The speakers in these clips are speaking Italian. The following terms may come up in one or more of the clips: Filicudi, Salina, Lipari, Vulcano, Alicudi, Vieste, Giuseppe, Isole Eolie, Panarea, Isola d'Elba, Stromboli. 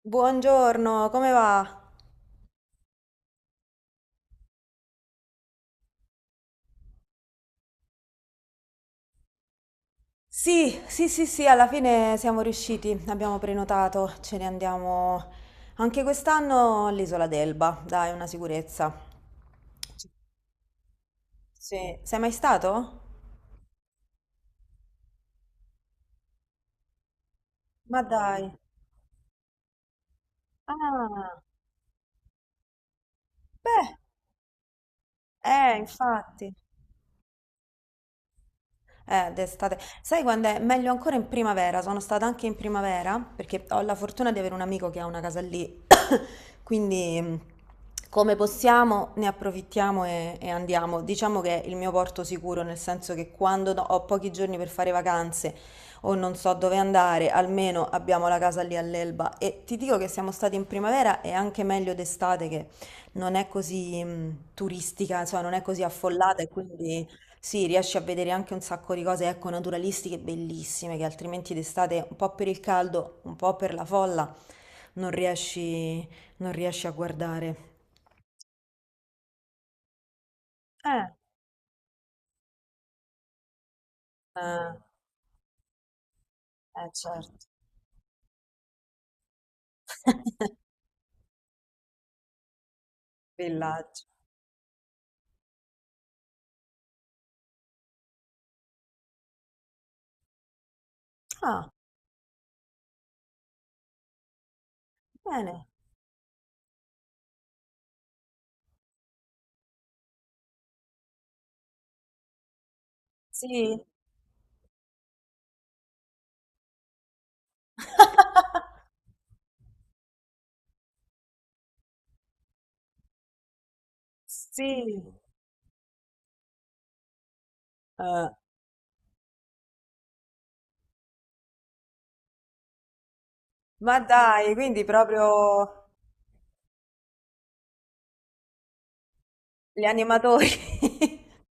Buongiorno, come va? Sì, sì, sì, sì, alla fine siamo riusciti, abbiamo prenotato, ce ne andiamo anche quest'anno all'Isola d'Elba, dai, una sicurezza. Sì, sei mai stato? Ma dai. Ah, beh, infatti. D'estate. Sai quando è? Meglio ancora in primavera. Sono stata anche in primavera perché ho la fortuna di avere un amico che ha una casa lì. Quindi, come possiamo, ne approfittiamo e andiamo. Diciamo che è il mio porto sicuro, nel senso che ho pochi giorni per fare vacanze o non so dove andare, almeno abbiamo la casa lì all'Elba. E ti dico che siamo stati in primavera e anche meglio d'estate che non è così, turistica, insomma, non è così affollata e quindi sì, riesci a vedere anche un sacco di cose, ecco, naturalistiche bellissime che altrimenti d'estate, un po' per il caldo, un po' per la folla, non riesci, non riesci a guardare. Eh, eh, certo. Villaggio. Ah, bene. Sì, sì. Eh, ma dai, quindi proprio gli animatori.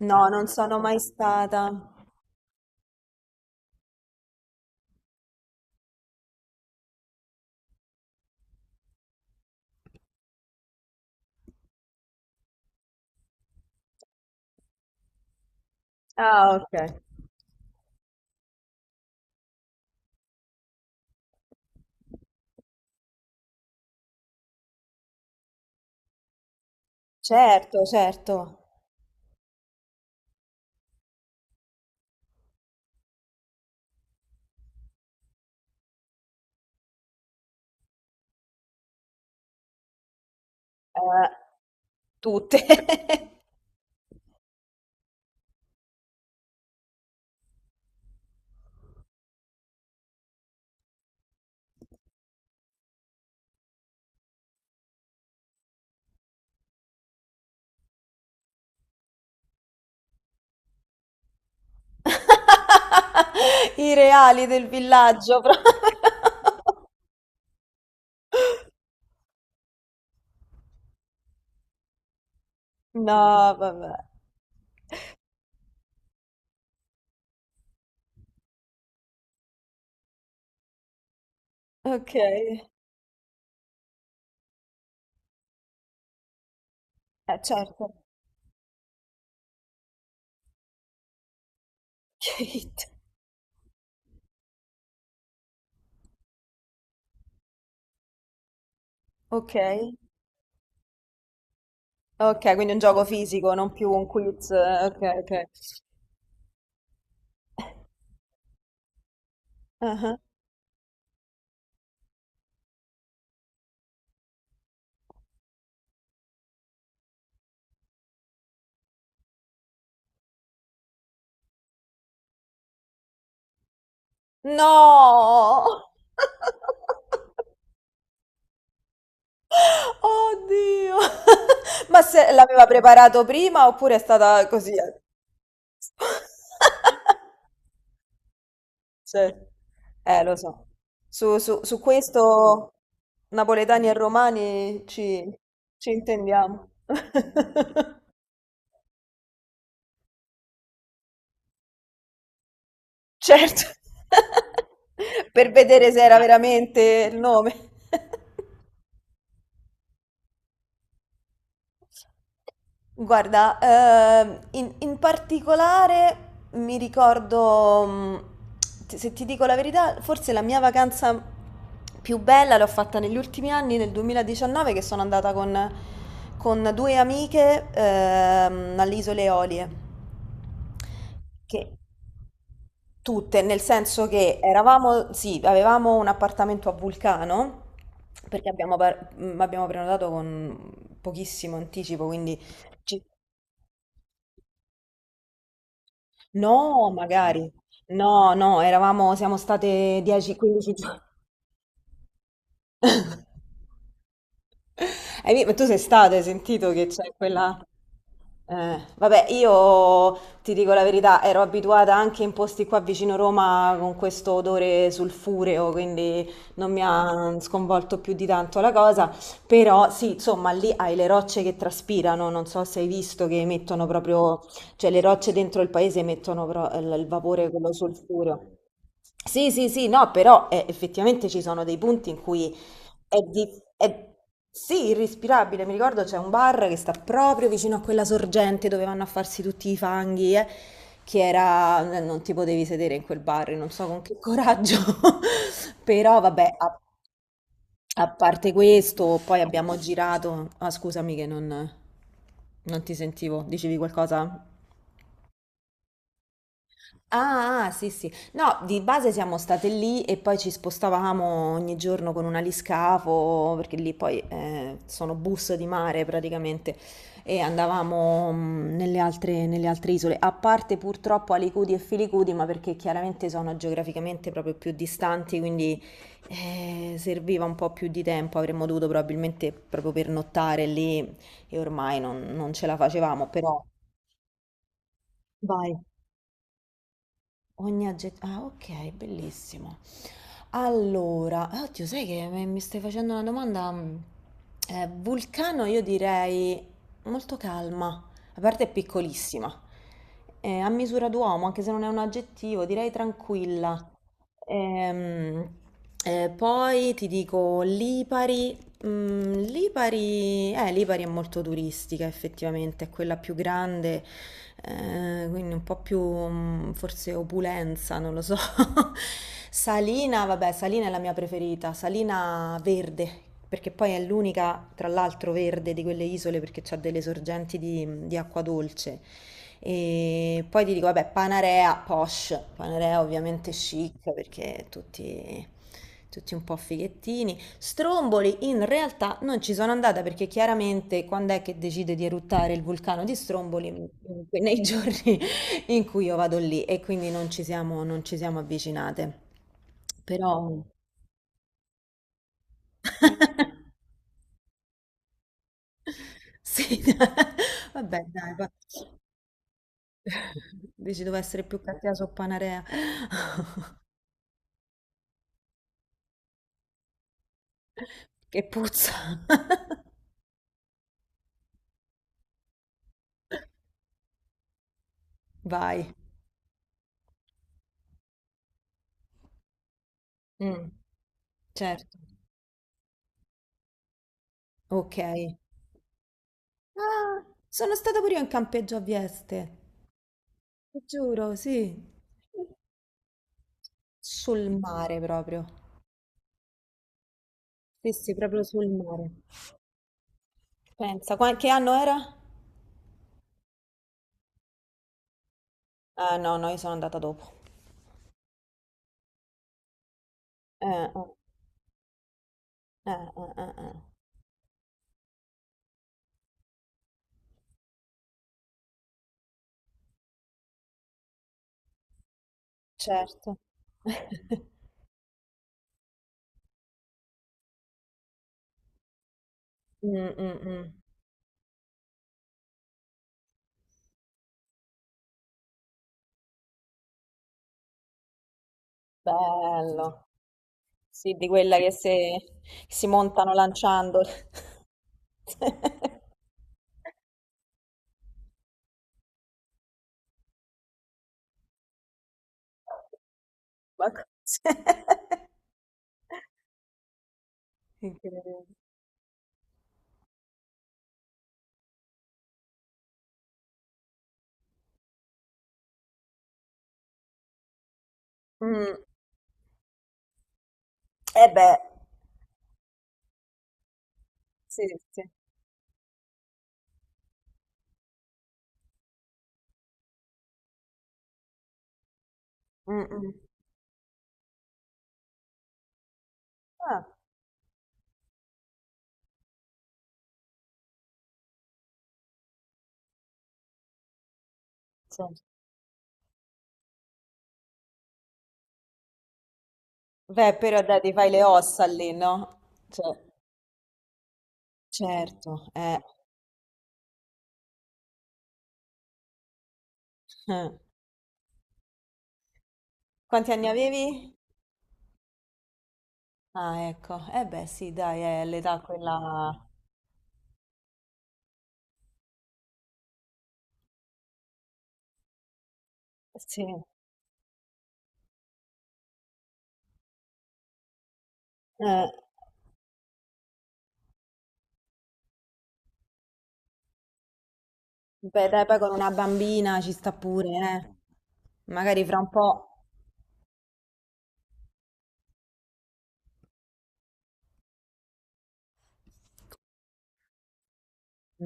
No, non sono mai stata. Ah, ok. Certo, certo. Eh, tutte. I reali del villaggio pro No, vabbè. Okay. Certo. Kate. Okay. Okay, quindi un gioco fisico, non più un quiz okay, okay. Ah-ah. No! Oddio! Ma se l'aveva preparato prima oppure è stata così a Sì. Lo so. Su questo napoletani e romani ci, ci intendiamo. Certo, per vedere se era veramente il nome. Guarda, in particolare mi ricordo, se ti dico la verità, forse la mia vacanza più bella l'ho fatta negli ultimi anni, nel 2019, che sono andata con due amiche alle Isole Eolie, che tutte, nel senso che eravamo, sì, avevamo un appartamento a Vulcano, perché abbiamo, abbiamo prenotato con pochissimo anticipo, quindi... ci- No, magari. No, no, eravamo, siamo state 10-15 giorni. Ma tu sei stato, hai sentito che c'è quella... vabbè, io ti dico la verità, ero abituata anche in posti qua vicino Roma con questo odore sulfureo, quindi non mi ha sconvolto più di tanto la cosa, però sì, insomma, lì hai le rocce che traspirano, non so se hai visto che mettono proprio, cioè le rocce dentro il paese il vapore, quello sulfureo. Sì, sì, sì, no, però effettivamente ci sono dei punti in cui è di... è- Sì, irrispirabile, mi ricordo c'è un bar che sta proprio vicino a quella sorgente dove vanno a farsi tutti i fanghi, che era... non ti potevi sedere in quel bar, non so con che coraggio, però vabbè, a parte questo, poi abbiamo girato... Ah, scusami che non, non ti sentivo, dicevi qualcosa? Ah, ah, sì, sì. No, di base siamo state lì e poi ci spostavamo ogni giorno con un aliscafo, perché lì poi sono bus di mare praticamente, e andavamo nelle altre isole, a parte purtroppo Alicudi e Filicudi, ma perché chiaramente sono geograficamente proprio più distanti, quindi serviva un po' più di tempo, avremmo dovuto probabilmente proprio pernottare lì e ormai non ce la facevamo, però... Vai. Ogni aggettivo. Ah, ok, bellissimo. Allora, oddio, sai che mi stai facendo una domanda? Vulcano, io direi molto calma, la parte è piccolissima. A misura d'uomo, anche se non è un aggettivo, direi tranquilla. Ehm, poi ti dico lipari. Mm, Lipari, Lipari è molto turistica effettivamente, è quella più grande, quindi un po' più forse opulenza, non lo so. Salina, vabbè, Salina è la mia preferita, Salina verde, perché poi è l'unica, tra l'altro, verde di quelle isole perché c'ha delle sorgenti di acqua dolce. E poi ti dico, vabbè, Panarea, posh, Panarea ovviamente chic perché tutti, tutti un po' fighettini. Stromboli in realtà non ci sono andata perché chiaramente quando è che decide di eruttare il vulcano di Stromboli? Nei giorni in cui io vado lì e quindi non ci siamo avvicinate. Però sì, dai. Vabbè, dai, va. Dici devo essere più cattiva su Panarea. Che puzza. Vai. Mm, certo. Ok. Ah, sono stata pure io in campeggio a Vieste. Ti giuro, sì. Sul mare proprio. Sì, sì, proprio sul mare. Pensa, che anno era? Ah, no, no, io sono andata dopo. Eh, eh, eh. Certo. Mm, mm, mm. Bello. Sì, di quella che se- si montano lanciando. Ma Incredibile. Mm, Eh beh, sì, sì. Mm, mm. Ah, sì. Beh, però dai, ti fai le ossa lì, no? Cioè, certo, eh. Eh. Quanti anni avevi? Ah, ecco. Eh beh, sì, dai, è l'età quella... Sì. Eh. Beh, dai, poi con una bambina ci sta pure, eh. Magari fra un po'...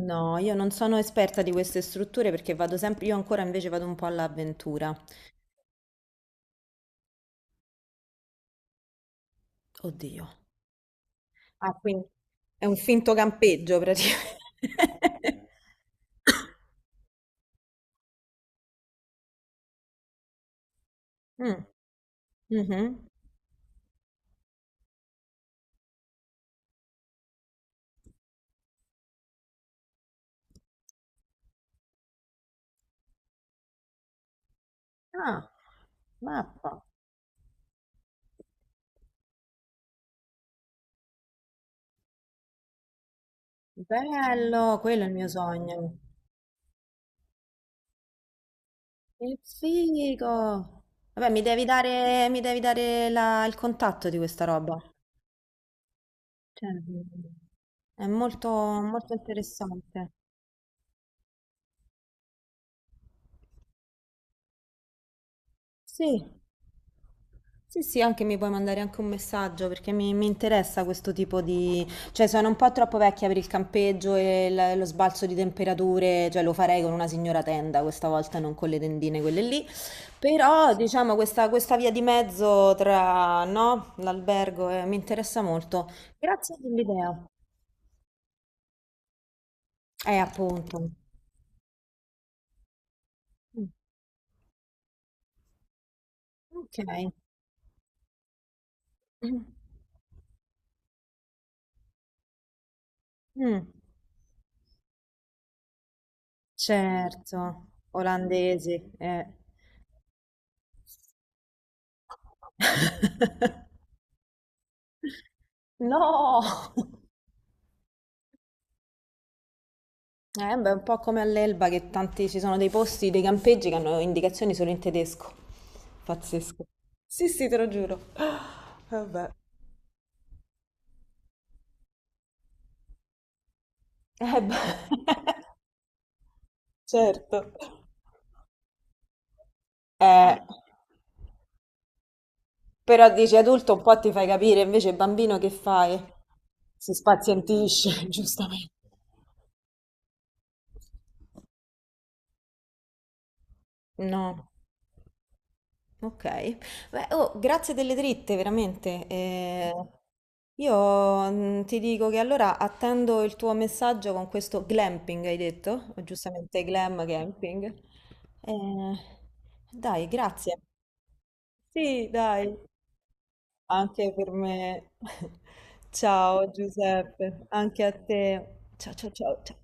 No, io non sono esperta di queste strutture perché vado sempre... Io ancora invece vado un po' all'avventura. Oddio. Ah, quindi è un finto campeggio praticamente. Mm, mhm. Ah, mappa. Bello, quello è il mio sogno. Che figo. Vabbè, mi devi dare il contatto di questa roba. Cioè, è molto, molto interessante. Sì, sì, sì, anche mi puoi mandare anche un messaggio perché mi interessa questo tipo di... Cioè, sono un po' troppo vecchia per il campeggio e lo sbalzo di temperature, cioè lo farei con una signora tenda questa volta, non con le tendine quelle lì. Però, diciamo, questa via di mezzo tra, no, l'albergo mi interessa molto. Grazie dell'idea. Appunto. Mm. Ok. Mm, mm, certo, olandesi. Eh. No! Beh, un po' come all'Elba che tanti ci sono dei posti, dei campeggi che hanno indicazioni solo in tedesco. Pazzesco. Sì, sì, te lo giuro. Vabbè. Beh. Certo. Eh, però dici adulto un po' ti fai capire, invece bambino che fai? Si spazientisce, giustamente. No, ok. Beh, oh, grazie delle dritte, veramente. Io ti dico che allora attendo il tuo messaggio con questo glamping, hai detto? O giustamente glam camping. Eh, dai, grazie. Sì, dai. Anche per me. Ciao Giuseppe, anche a te. Ciao ciao ciao ciao.